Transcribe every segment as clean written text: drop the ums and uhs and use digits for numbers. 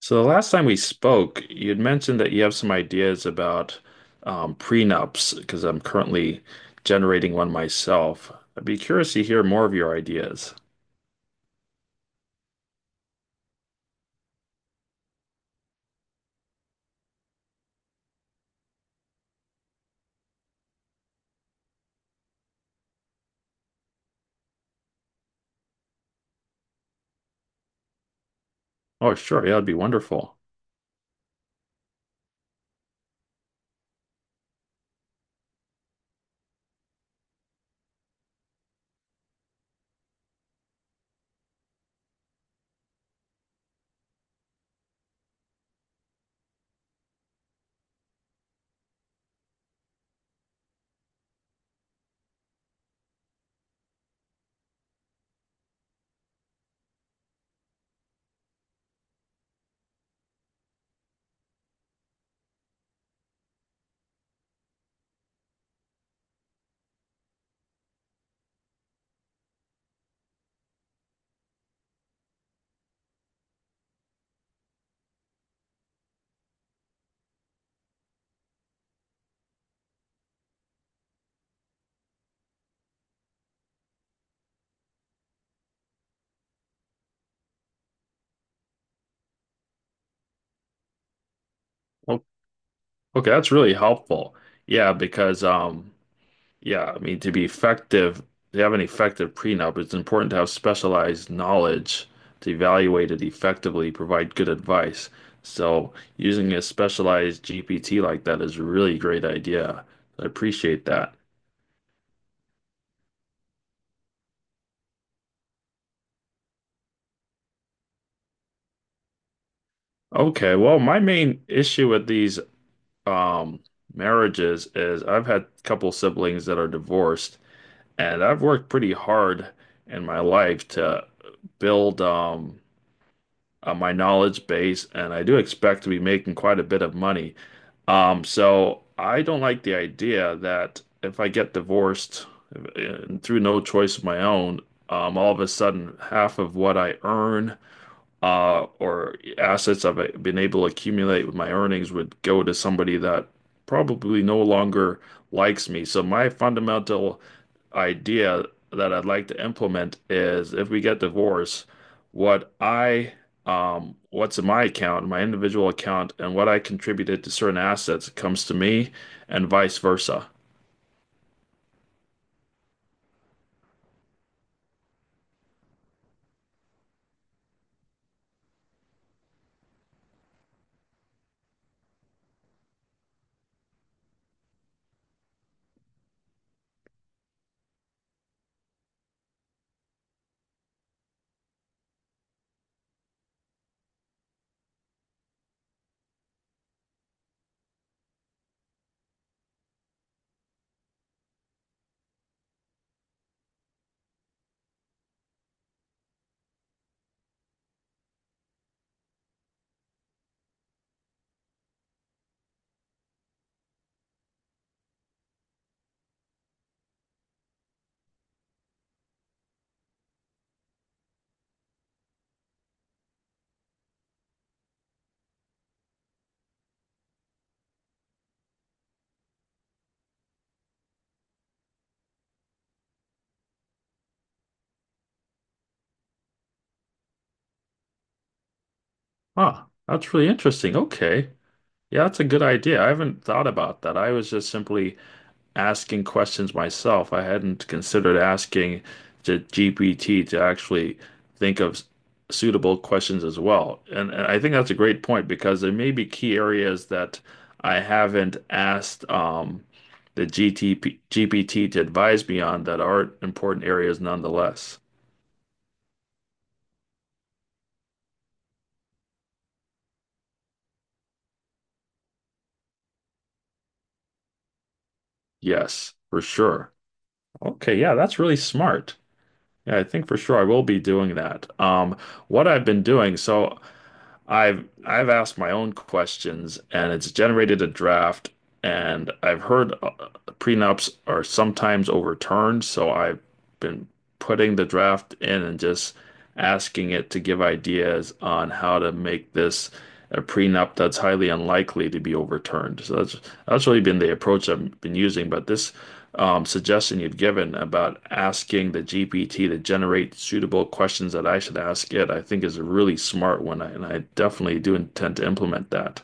So the last time we spoke, you would mentioned that you have some ideas about prenups because I'm currently generating one myself. I'd be curious to hear more of your ideas. Oh, sure, yeah, that'd be wonderful. Well, okay, that's really helpful. Yeah, because yeah, I mean, to be effective, to have an effective prenup, it's important to have specialized knowledge to evaluate it effectively, provide good advice. So, using a specialized GPT like that is a really great idea. I appreciate that. Okay, well, my main issue with these um, marriages is I've had a couple siblings that are divorced, and I've worked pretty hard in my life to build my knowledge base, and I do expect to be making quite a bit of money. So I don't like the idea that if I get divorced through no choice of my own, all of a sudden half of what I earn or assets I've been able to accumulate with my earnings would go to somebody that probably no longer likes me. So my fundamental idea that I'd like to implement is if we get divorced, what I what's in my account, my individual account, and what I contributed to certain assets comes to me and vice versa. Huh, that's really interesting. Okay. Yeah, that's a good idea. I haven't thought about that. I was just simply asking questions myself. I hadn't considered asking the GPT to actually think of suitable questions as well. And I think that's a great point because there may be key areas that I haven't asked the GPT to advise me on that are important areas nonetheless. Yes, for sure. Okay, yeah, that's really smart. Yeah, I think for sure I will be doing that. What I've been doing, so. I've asked my own questions and it's generated a draft, and I've heard prenups are sometimes overturned, so I've been putting the draft in and just asking it to give ideas on how to make this a prenup that's highly unlikely to be overturned. So that's really been the approach I've been using. But this suggestion you've given about asking the GPT to generate suitable questions that I should ask it, I think is a really smart one, and I definitely do intend to implement that.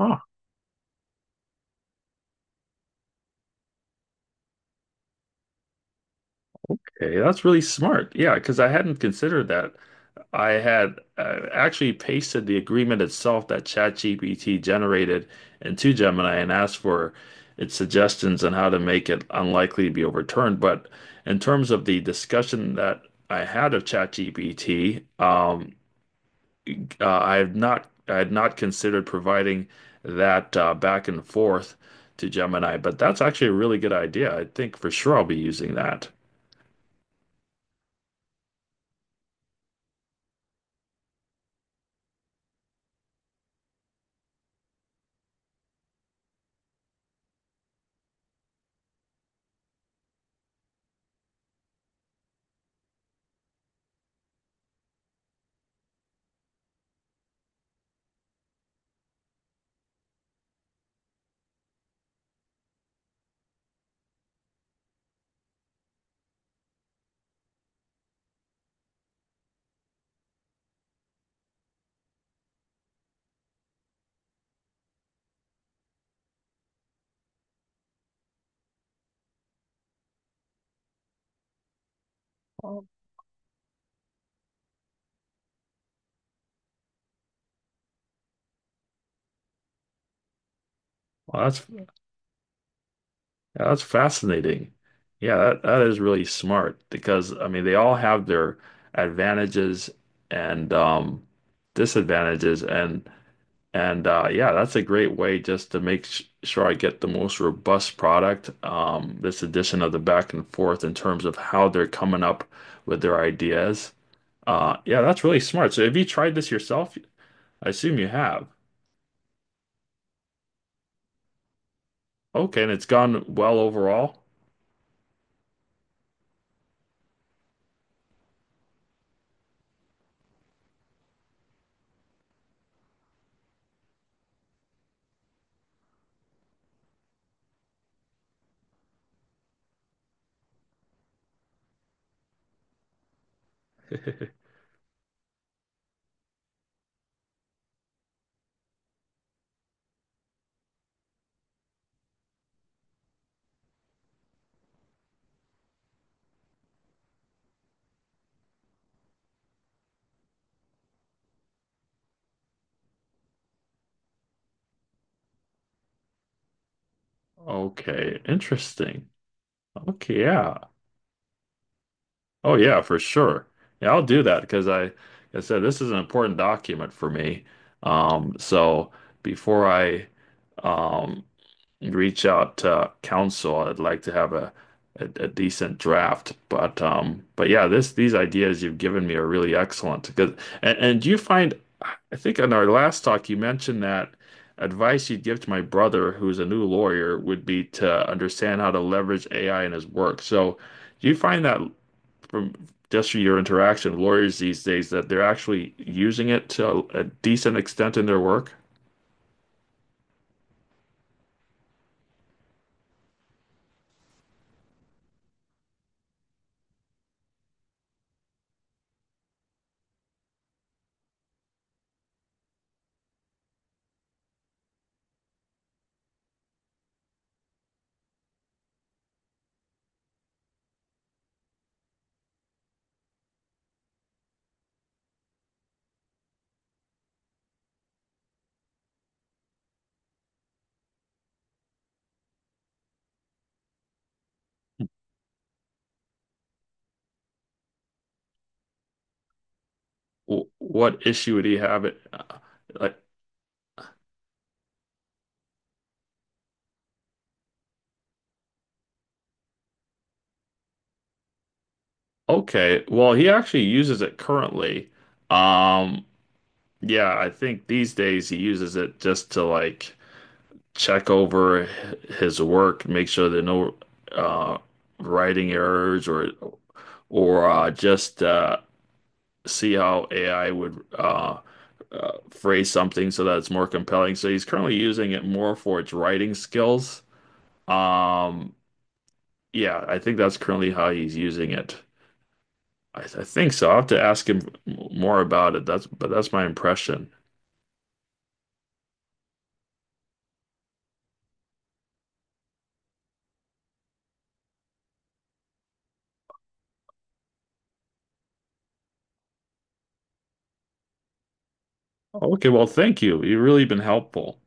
Oh, Okay, that's really smart. Yeah, because I hadn't considered that. I had actually pasted the agreement itself that ChatGPT generated into Gemini and asked for its suggestions on how to make it unlikely to be overturned. But in terms of the discussion that I had of ChatGPT, I have not, I had not considered providing that back and forth to Gemini. But that's actually a really good idea. I think for sure I'll be using that. Well, that's Yeah, that's fascinating. Yeah, that is really smart because I mean they all have their advantages and disadvantages and yeah, that's a great way just to make sh sure I get the most robust product. Um, this addition of the back and forth in terms of how they're coming up with their ideas. Yeah, that's really smart. So have you tried this yourself? I assume you have. Okay, and it's gone well overall. Okay, interesting. Okay, yeah. Oh yeah, for sure. Yeah, I'll do that because like I said, this is an important document for me. So before I um reach out to council, I'd like to have a decent draft. But yeah, this these ideas you've given me are really excellent. Because and do you find, I think in our last talk you mentioned that advice you'd give to my brother who's a new lawyer would be to understand how to leverage AI in his work. So. Do you find that from just your interaction with lawyers these days that they're actually using it to a decent extent in their work? What issue would he have it? Like, okay, well, he actually uses it currently. Um, yeah, I think these days he uses it just to like check over his work, make sure there are no uh, writing errors or just see how AI would phrase something so that it's more compelling. So he's currently using it more for its writing skills. Um, yeah, I think that's currently how he's using it. I think so. I'll have to ask him more about it. That's but that's my impression. Okay, well, thank you. You've really been helpful.